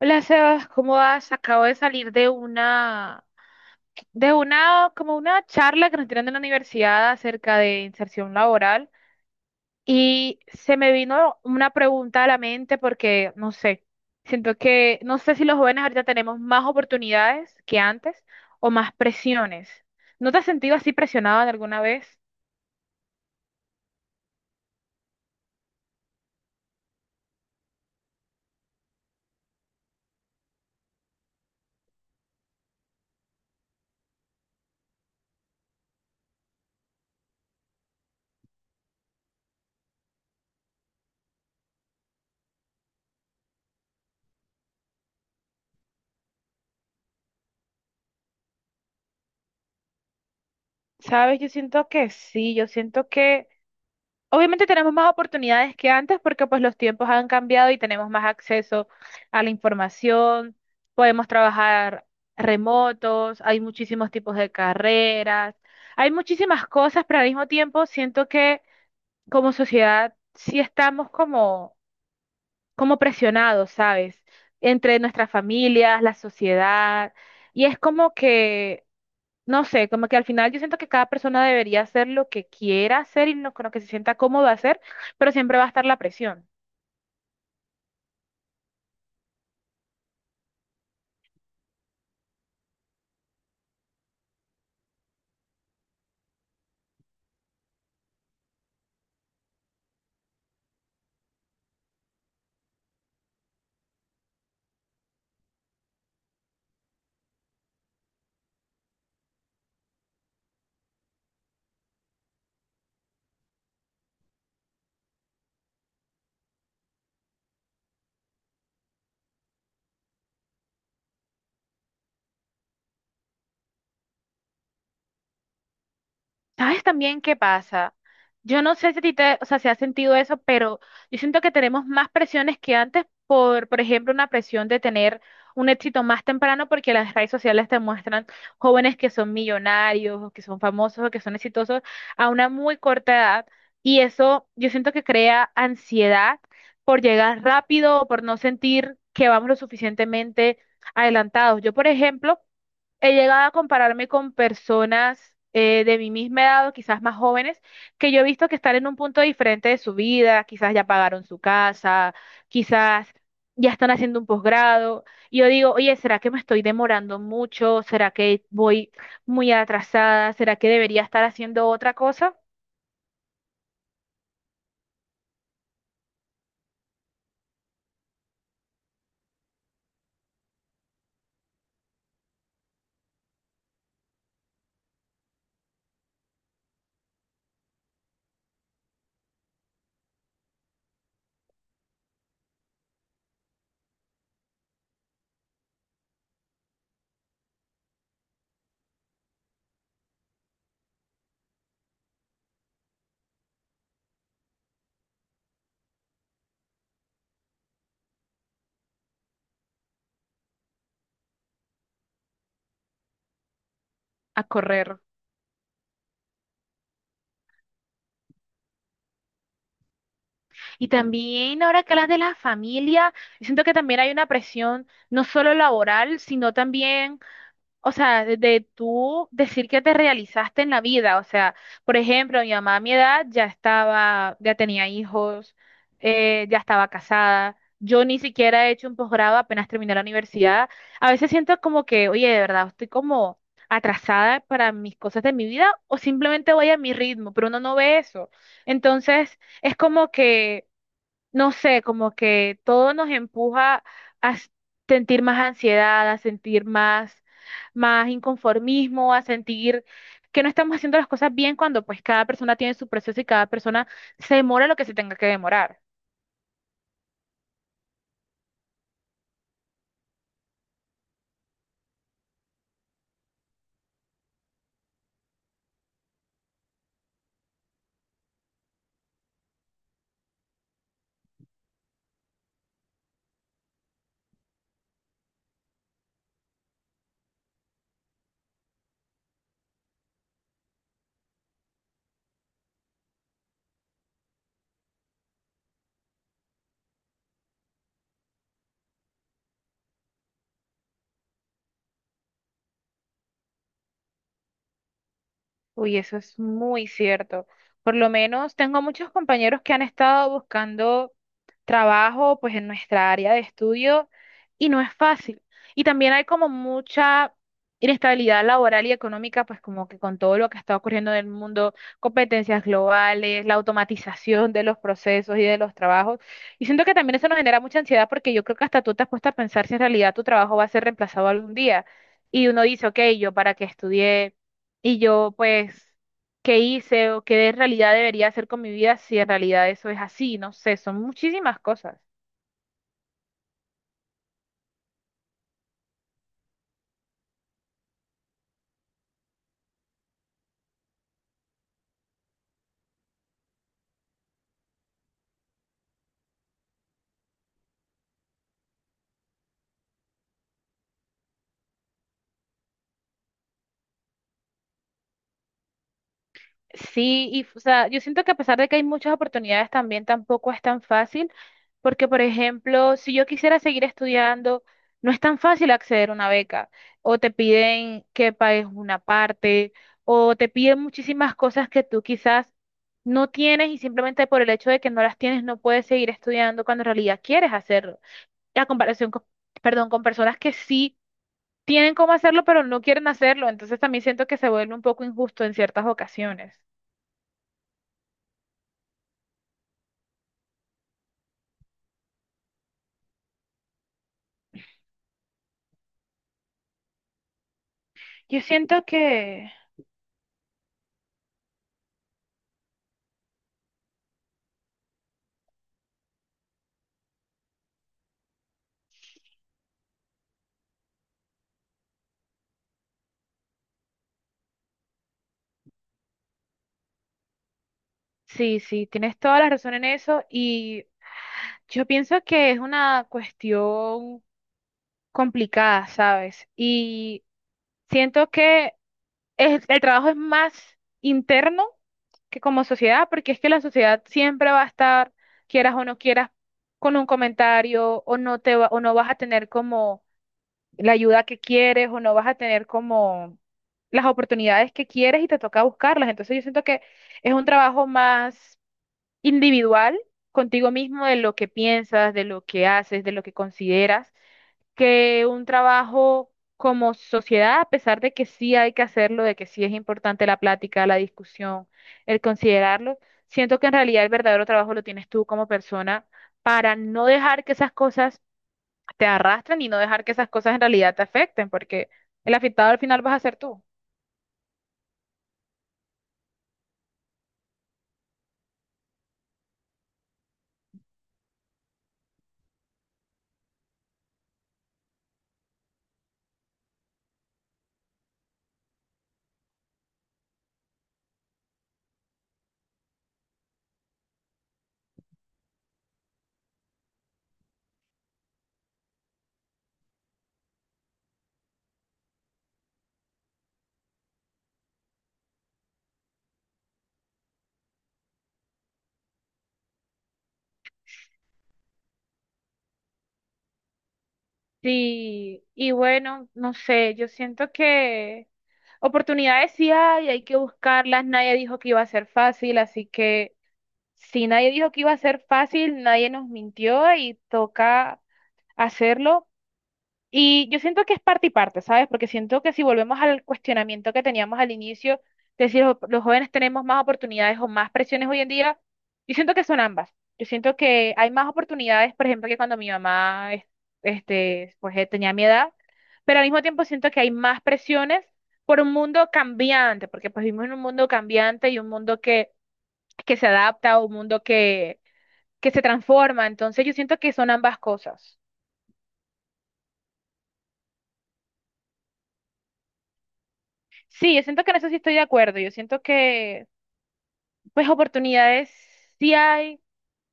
Hola Sebas, ¿cómo vas? Acabo de salir de una, como una charla que nos dieron en la universidad acerca de inserción laboral y se me vino una pregunta a la mente porque, no sé, siento que, no sé si los jóvenes ahorita tenemos más oportunidades que antes o más presiones. ¿No te has sentido así presionada de alguna vez? Sabes, yo siento que sí, yo siento que obviamente tenemos más oportunidades que antes porque pues los tiempos han cambiado y tenemos más acceso a la información, podemos trabajar remotos, hay muchísimos tipos de carreras, hay muchísimas cosas, pero al mismo tiempo siento que como sociedad sí estamos como, como presionados, ¿sabes? Entre nuestras familias, la sociedad, y es como que no sé, como que al final yo siento que cada persona debería hacer lo que quiera hacer y lo, con lo que se sienta cómodo hacer, pero siempre va a estar la presión. ¿Sabes también qué pasa? Yo no sé si a ti te, o sea, si has sentido eso, pero yo siento que tenemos más presiones que antes por ejemplo, una presión de tener un éxito más temprano porque las redes sociales te muestran jóvenes que son millonarios, o que son famosos, o que son exitosos a una muy corta edad y eso yo siento que crea ansiedad por llegar rápido o por no sentir que vamos lo suficientemente adelantados. Yo, por ejemplo, he llegado a compararme con personas de mi misma edad o quizás más jóvenes que yo he visto que están en un punto diferente de su vida, quizás ya pagaron su casa, quizás ya están haciendo un posgrado. Y yo digo, oye, ¿será que me estoy demorando mucho? ¿Será que voy muy atrasada? ¿Será que debería estar haciendo otra cosa? A correr. Y también ahora que hablas de la familia, siento que también hay una presión no solo laboral, sino también. O sea, de tú decir que te realizaste en la vida. O sea, por ejemplo, mi mamá a mi edad ya estaba, ya tenía hijos, ya estaba casada. Yo ni siquiera he hecho un posgrado, apenas terminé la universidad. A veces siento como que, oye, de verdad, estoy como atrasada para mis cosas de mi vida o simplemente voy a mi ritmo, pero uno no ve eso. Entonces, es como que no sé, como que todo nos empuja a s- sentir más ansiedad, a sentir más, más inconformismo, a sentir que no estamos haciendo las cosas bien cuando pues cada persona tiene su proceso y cada persona se demora lo que se tenga que demorar. Uy, eso es muy cierto. Por lo menos tengo muchos compañeros que han estado buscando trabajo pues en nuestra área de estudio y no es fácil. Y también hay como mucha inestabilidad laboral y económica, pues como que con todo lo que está ocurriendo en el mundo, competencias globales, la automatización de los procesos y de los trabajos. Y siento que también eso nos genera mucha ansiedad porque yo creo que hasta tú te has puesto a pensar si en realidad tu trabajo va a ser reemplazado algún día. Y uno dice, ok, yo para qué estudié y yo pues qué hice o qué en realidad debería hacer con mi vida si en realidad eso es así, no sé, son muchísimas cosas. Sí, y o sea, yo siento que a pesar de que hay muchas oportunidades también tampoco es tan fácil, porque por ejemplo, si yo quisiera seguir estudiando, no es tan fácil acceder a una beca, o te piden que pagues una parte, o te piden muchísimas cosas que tú quizás no tienes y simplemente por el hecho de que no las tienes no puedes seguir estudiando cuando en realidad quieres hacerlo. Y a comparación con, perdón, con personas que sí tienen cómo hacerlo, pero no quieren hacerlo. Entonces también siento que se vuelve un poco injusto en ciertas ocasiones. Yo siento que sí, sí, tienes toda la razón en eso y yo pienso que es una cuestión complicada, ¿sabes? Y siento que el trabajo es más interno que como sociedad, porque es que la sociedad siempre va a estar, quieras o no quieras, con un comentario o no te va, o no vas a tener como la ayuda que quieres o no vas a tener como las oportunidades que quieres y te toca buscarlas. Entonces yo siento que es un trabajo más individual contigo mismo de lo que piensas, de lo que haces, de lo que consideras, que un trabajo como sociedad, a pesar de que sí hay que hacerlo, de que sí es importante la plática, la discusión, el considerarlo, siento que en realidad el verdadero trabajo lo tienes tú como persona para no dejar que esas cosas te arrastran y no dejar que esas cosas en realidad te afecten, porque el afectado al final vas a ser tú. Sí, y bueno, no sé, yo siento que oportunidades sí hay que buscarlas, nadie dijo que iba a ser fácil, así que si nadie dijo que iba a ser fácil, nadie nos mintió y toca hacerlo. Y yo siento que es parte y parte, ¿sabes? Porque siento que si volvemos al cuestionamiento que teníamos al inicio, de si los jóvenes tenemos más oportunidades o más presiones hoy en día, yo siento que son ambas. Yo siento que hay más oportunidades, por ejemplo, que cuando mi mamá, tenía mi edad, pero al mismo tiempo siento que hay más presiones por un mundo cambiante, porque pues vivimos en un mundo cambiante y un mundo que se adapta, un mundo que se transforma. Entonces yo siento que son ambas cosas. Sí, yo siento que en eso sí estoy de acuerdo. Yo siento que, pues, oportunidades sí hay.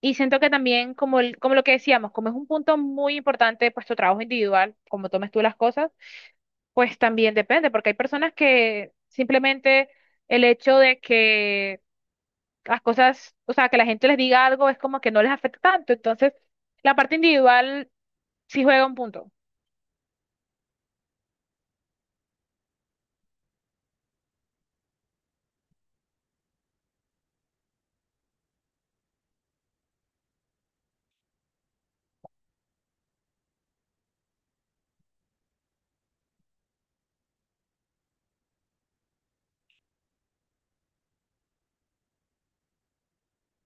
Y siento que también, como, como lo que decíamos, como es un punto muy importante, pues, tu trabajo individual, como tomes tú las cosas, pues también depende, porque hay personas que simplemente el hecho de que las cosas, o sea, que la gente les diga algo es como que no les afecta tanto. Entonces, la parte individual sí juega un punto.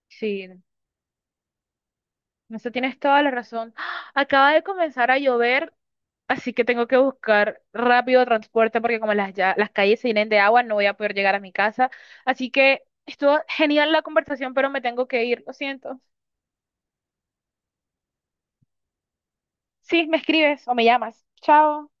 Sí, en eso tienes toda la razón. ¡Ah! Acaba de comenzar a llover. Así que tengo que buscar rápido transporte porque como las, ya, las calles se llenen de agua, no voy a poder llegar a mi casa. Así que estuvo genial la conversación, pero me tengo que ir, lo siento. Sí, me escribes o me llamas. Chao.